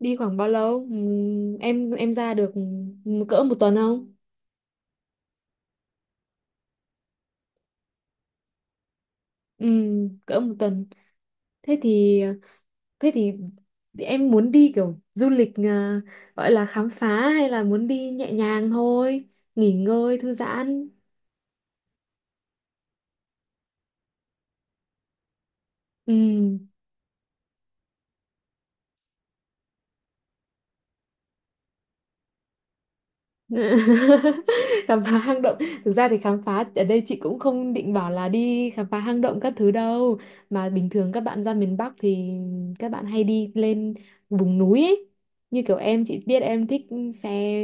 Đi khoảng bao lâu? Em ra được cỡ một tuần không? Cỡ một tuần. Thế thì thế thì em muốn đi kiểu du lịch à, gọi là khám phá hay là muốn đi nhẹ nhàng thôi, nghỉ ngơi thư giãn. Ừm. Khám phá hang động. Thực ra thì khám phá ở đây chị cũng không định bảo là đi khám phá hang động các thứ đâu, mà bình thường các bạn ra miền Bắc thì các bạn hay đi lên vùng núi ấy. Như kiểu em, chị biết em thích xe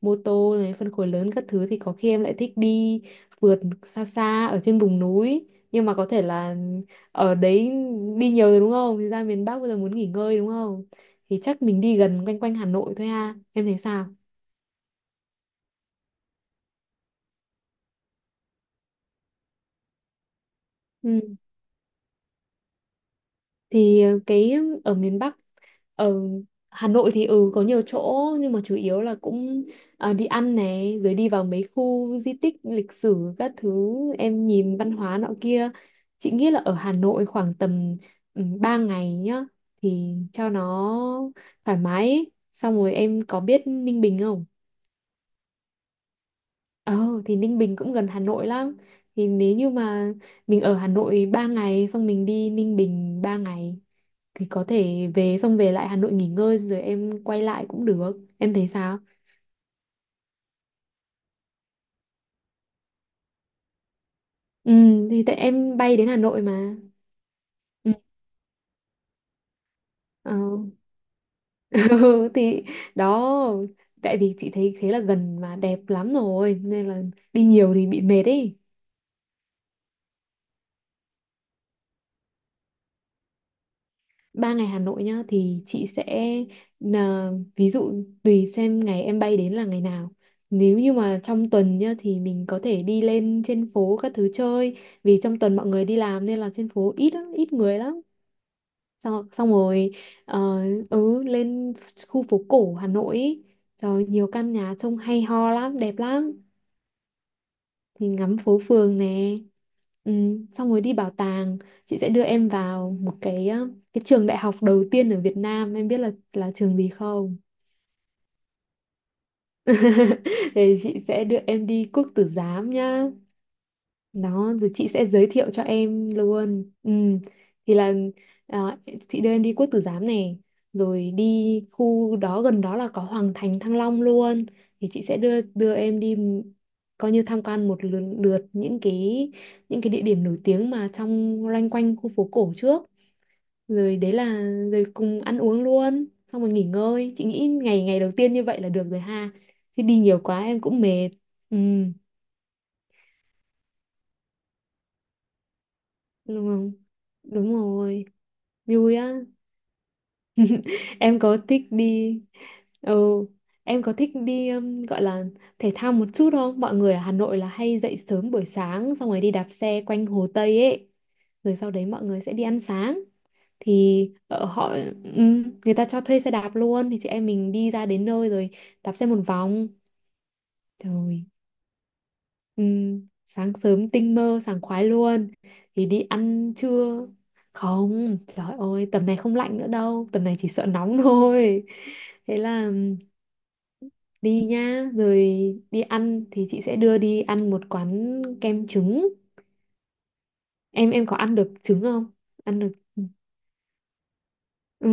mô tô này phân khối lớn các thứ thì có khi em lại thích đi vượt xa xa ở trên vùng núi, nhưng mà có thể là ở đấy đi nhiều rồi đúng không, thì ra miền Bắc bây giờ muốn nghỉ ngơi đúng không, thì chắc mình đi gần quanh quanh Hà Nội thôi ha, em thấy sao? Ừ. Thì cái ở miền Bắc, ở Hà Nội thì ừ có nhiều chỗ nhưng mà chủ yếu là cũng đi ăn này rồi đi vào mấy khu di tích lịch sử các thứ, em nhìn văn hóa nọ kia. Chị nghĩ là ở Hà Nội khoảng tầm 3 ngày nhá thì cho nó thoải mái ấy. Xong rồi em có biết Ninh Bình không? Ờ thì Ninh Bình cũng gần Hà Nội lắm. Thì nếu như mà mình ở Hà Nội 3 ngày, xong mình đi Ninh Bình 3 ngày, thì có thể về, xong về lại Hà Nội nghỉ ngơi rồi em quay lại cũng được. Em thấy sao? Ừ, thì tại em bay đến Hà Nội mà. Ừ. Ờ. Ừ, thì đó, tại vì chị thấy thế là gần mà đẹp lắm rồi nên là đi nhiều thì bị mệt ấy. 3 ngày Hà Nội nhá, thì chị sẽ là- ví dụ tùy xem ngày em bay đến là ngày nào, nếu như mà trong tuần nhá thì mình có thể đi lên trên phố các thứ chơi, vì trong tuần mọi người đi làm nên là trên phố ít lắm, ít người lắm. Xong rồi ờ, lên khu phố cổ Hà Nội ý. Trời ơi, nhiều căn nhà trông hay ho lắm, đẹp lắm. Thì ngắm phố phường nè, ừ, xong rồi đi bảo tàng. Chị sẽ đưa em vào một cái cái trường đại học đầu tiên ở Việt Nam, em biết là trường gì không? Thì chị sẽ đưa em đi Quốc Tử Giám nhá. Đó, rồi chị sẽ giới thiệu cho em luôn. Ừ. Thì là à, chị đưa em đi Quốc Tử Giám này, rồi đi khu đó, gần đó là có Hoàng Thành Thăng Long luôn. Thì chị sẽ đưa đưa em đi coi như tham quan một lượt, lượt những cái, những cái địa điểm nổi tiếng mà trong loanh quanh khu phố cổ trước. Rồi đấy là Rồi cùng ăn uống luôn, xong rồi nghỉ ngơi. Chị nghĩ ngày ngày đầu tiên như vậy là được rồi ha. Chứ đi nhiều quá em cũng mệt. Ừ, đúng không? Đúng rồi. Vui á. Em có thích đi ừ em có thích đi gọi là thể thao một chút không? Mọi người ở Hà Nội là hay dậy sớm buổi sáng, xong rồi đi đạp xe quanh Hồ Tây ấy, rồi sau đấy mọi người sẽ đi ăn sáng. Thì ở họ, người ta cho thuê xe đạp luôn, thì chị em mình đi ra đến nơi rồi đạp xe một vòng. Trời. Ừ, sáng sớm tinh mơ sảng khoái luôn. Thì đi ăn trưa. Không, trời ơi tầm này không lạnh nữa đâu, tầm này chỉ sợ nóng thôi. Thế là ừ, đi nhá. Rồi đi ăn thì chị sẽ đưa đi ăn một quán kem trứng. Em có ăn được trứng không? Ăn được, ừ. Ừ,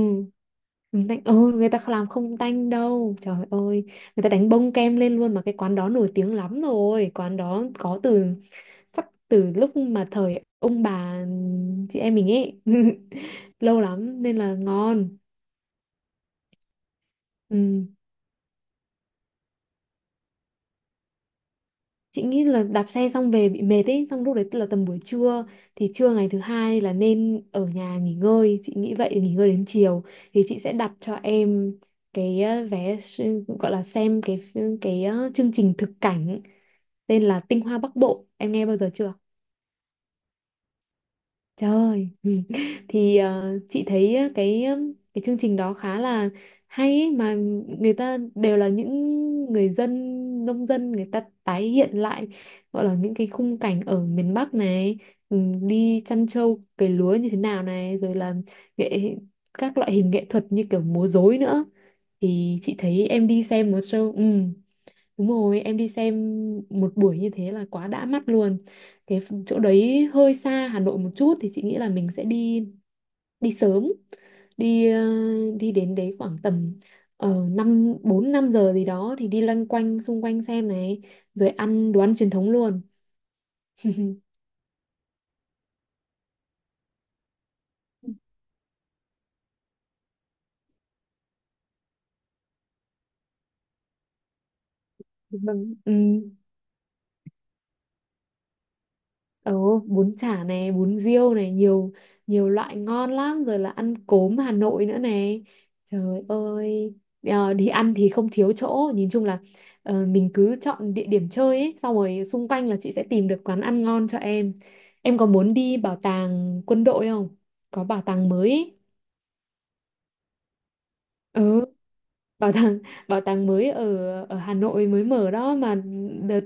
trứng tanh, ừ, người ta làm không tanh đâu trời ơi, người ta đánh bông kem lên luôn mà. Cái quán đó nổi tiếng lắm rồi, quán đó có từ, chắc từ lúc mà thời ông bà chị em mình ấy lâu lắm nên là ngon. Ừ. Chị nghĩ là đạp xe xong về bị mệt ấy, xong lúc đấy là tầm buổi trưa, thì trưa ngày thứ hai là nên ở nhà nghỉ ngơi, chị nghĩ vậy. Nghỉ ngơi đến chiều thì chị sẽ đặt cho em cái vé gọi là xem cái chương trình thực cảnh tên là Tinh Hoa Bắc Bộ, em nghe bao giờ chưa? Trời ơi. Ừ. Thì chị thấy á, cái chương trình đó khá là hay ấy, mà người ta đều là những người dân, nông dân, người ta tái hiện lại, gọi là những cái khung cảnh ở miền Bắc này, đi chăn trâu cày lúa như thế nào này, rồi là nghệ các loại hình nghệ thuật như kiểu múa rối nữa. Thì chị thấy em đi xem một show, ừ. Đúng rồi, em đi xem một buổi như thế là quá đã mắt luôn. Cái chỗ đấy hơi xa Hà Nội một chút, thì chị nghĩ là mình sẽ đi đi sớm, đi đi đến đấy khoảng tầm 4 5 giờ gì đó, thì đi loanh quanh xung quanh xem này, rồi ăn đồ ăn truyền thống luôn. Vâng. Ừ. Ừ, bún chả này, bún riêu này, nhiều, nhiều loại ngon lắm, rồi là ăn cốm Hà Nội nữa này. Trời ơi, đi ăn thì không thiếu chỗ, nhìn chung là mình cứ chọn địa điểm chơi ấy, xong rồi xung quanh là chị sẽ tìm được quán ăn ngon cho em. Em có muốn đi bảo tàng quân đội không? Có bảo tàng mới ấy. Ừ, bảo tàng bảo tàng mới ở ở Hà Nội mới mở đó mà, đợt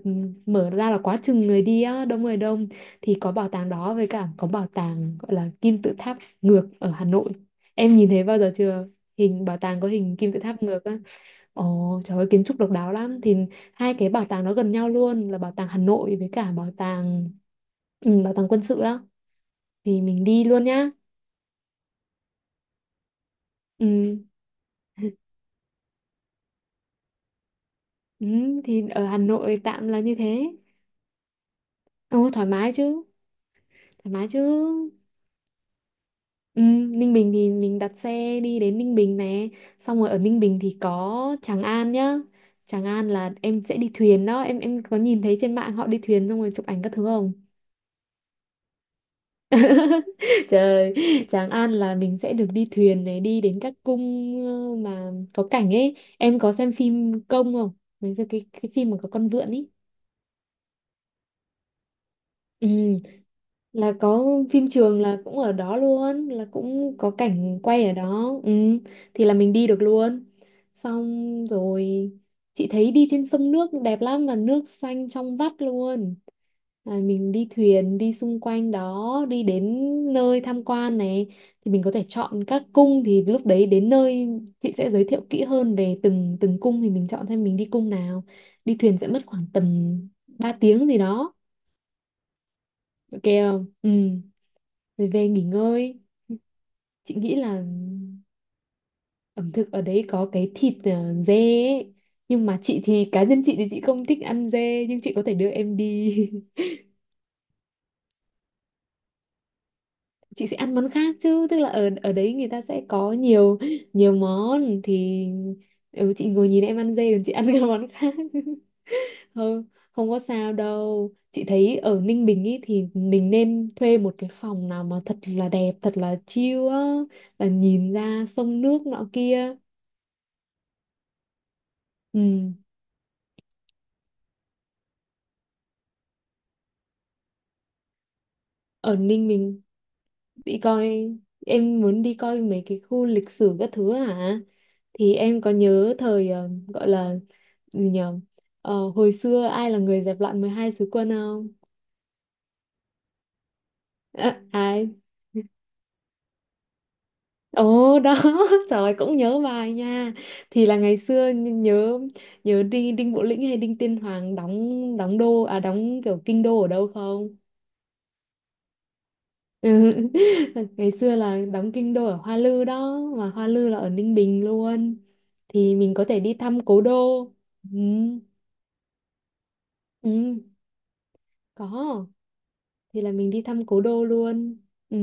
mở ra là quá chừng người đi á, đông người đông. Thì có bảo tàng đó, với cả có bảo tàng gọi là kim tự tháp ngược ở Hà Nội, em nhìn thấy bao giờ chưa? Hình bảo tàng có hình kim tự tháp ngược á. Ồ, trời ơi kiến trúc độc đáo lắm. Thì hai cái bảo tàng đó gần nhau luôn, là bảo tàng Hà Nội với cả bảo tàng, ừ, bảo tàng quân sự đó, thì mình đi luôn nhá. Ừ, ừ, thì ở Hà Nội tạm là như thế. Ồ thoải mái chứ. Thoải mái chứ. Ừ, Ninh Bình thì mình đặt xe đi đến Ninh Bình này, xong rồi ở Ninh Bình thì có Tràng An nhá. Tràng An là em sẽ đi thuyền đó, em có nhìn thấy trên mạng họ đi thuyền xong rồi chụp ảnh các thứ không? Trời. Tràng An là mình sẽ được đi thuyền này, đi đến các cung, mà có cảnh ấy. Em có xem phim Công không? Mấy giờ cái phim mà có con vượn ấy. Ừ. Là có phim trường là cũng ở đó luôn, là cũng có cảnh quay ở đó, ừ. Thì là mình đi được luôn, xong rồi chị thấy đi trên sông nước đẹp lắm mà nước xanh trong vắt luôn. À, mình đi thuyền đi xung quanh đó, đi đến nơi tham quan này, thì mình có thể chọn các cung. Thì lúc đấy đến nơi chị sẽ giới thiệu kỹ hơn về từng từng cung, thì mình chọn xem mình đi cung nào. Đi thuyền sẽ mất khoảng tầm 3 tiếng gì đó. Ok, không, ừ, rồi về nghỉ ngơi. Chị nghĩ là ẩm thực ở đấy có cái thịt dê ấy. Nhưng mà chị thì cá nhân chị thì chị không thích ăn dê, nhưng chị có thể đưa em đi. Chị sẽ ăn món khác, chứ tức là ở ở đấy người ta sẽ có nhiều, nhiều món. Thì ừ, chị ngồi nhìn em ăn dê còn chị ăn các món khác. Không, không có sao đâu. Chị thấy ở Ninh Bình ý thì mình nên thuê một cái phòng nào mà thật là đẹp, thật là chill á, là nhìn ra sông nước nọ kia. Ừ. Ở Ninh mình đi coi, em muốn đi coi mấy cái khu lịch sử các thứ hả? Thì em có nhớ thời gọi là gì nhở? Ờ, hồi xưa ai là người dẹp loạn 12 sứ quân không? À, ai? Ồ đó, trời ơi, cũng nhớ bài nha. Thì là ngày xưa nhớ nhớ đi, Đinh Bộ Lĩnh hay Đinh Tiên Hoàng đóng đóng đô à, đóng kiểu kinh đô ở đâu không? Ừ. Ngày xưa là đóng kinh đô ở Hoa Lư đó mà, Hoa Lư là ở Ninh Bình luôn. Thì mình có thể đi thăm cố đô, ừ. Ừ. Có, thì là mình đi thăm cố đô luôn, ừ.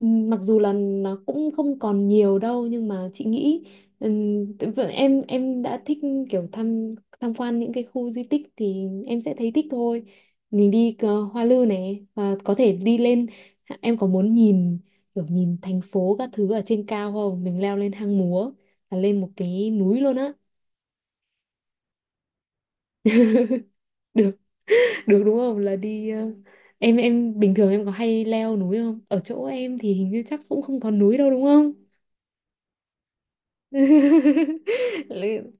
Mặc dù là nó cũng không còn nhiều đâu, nhưng mà chị nghĩ em đã thích kiểu tham tham quan những cái khu di tích thì em sẽ thấy thích thôi. Mình đi cờ Hoa Lư này và có thể đi lên. Em có muốn nhìn, kiểu nhìn thành phố các thứ ở trên cao không? Mình leo lên hang múa, là lên một cái núi luôn á. Được. Được đúng không, là đi em bình thường em có hay leo núi không? Ở chỗ em thì hình như chắc cũng không có núi đâu đúng không?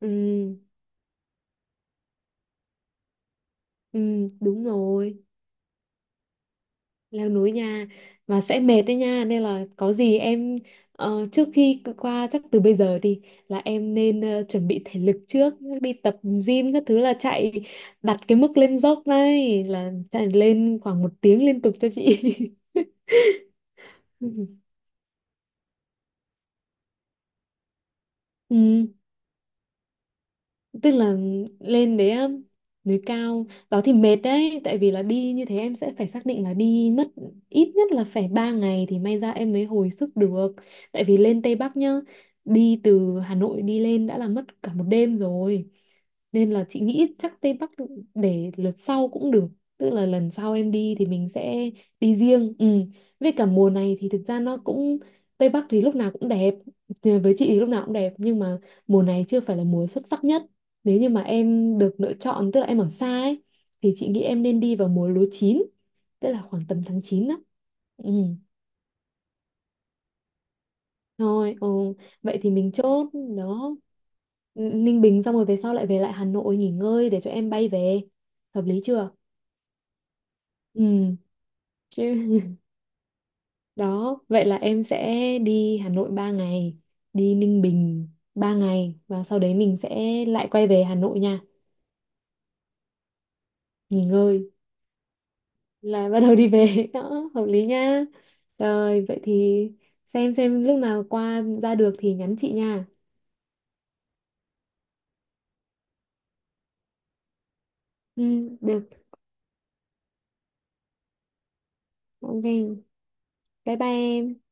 Ừ, ừ, đúng rồi, leo núi nha, mà sẽ mệt đấy nha, nên là có gì em trước khi qua, chắc từ bây giờ đi là em nên chuẩn bị thể lực trước, đi tập gym các thứ, là chạy đặt cái mức lên dốc này, là chạy lên khoảng một tiếng liên tục cho chị. Ừ. Tức là lên đấy á, núi cao đó thì mệt đấy, tại vì là đi như thế em sẽ phải xác định là đi mất ít nhất là phải 3 ngày thì may ra em mới hồi sức được, tại vì lên Tây Bắc nhá, đi từ Hà Nội đi lên đã là mất cả một đêm rồi. Nên là chị nghĩ chắc Tây Bắc để lượt sau cũng được, tức là lần sau em đi thì mình sẽ đi riêng, ừ. Với cả mùa này thì thực ra nó cũng, Tây Bắc thì lúc nào cũng đẹp, với chị thì lúc nào cũng đẹp, nhưng mà mùa này chưa phải là mùa xuất sắc nhất. Nếu như mà em được lựa chọn, tức là em ở xa ấy, thì chị nghĩ em nên đi vào mùa lúa chín, tức là khoảng tầm tháng 9 đó. Ừ, thôi, ừ. Vậy thì mình chốt đó. Ninh Bình xong rồi về sau lại về lại Hà Nội nghỉ ngơi để cho em bay về. Hợp lý chưa? Ừ. Chứ... Đó, vậy là em sẽ đi Hà Nội 3 ngày, đi Ninh Bình 3 ngày, và sau đấy mình sẽ lại quay về Hà Nội nha, nghỉ ngơi. Là bắt đầu đi về đó, hợp lý nha. Rồi vậy thì xem lúc nào qua ra được thì nhắn chị nha. Ừ, được. Ok, bye bye em.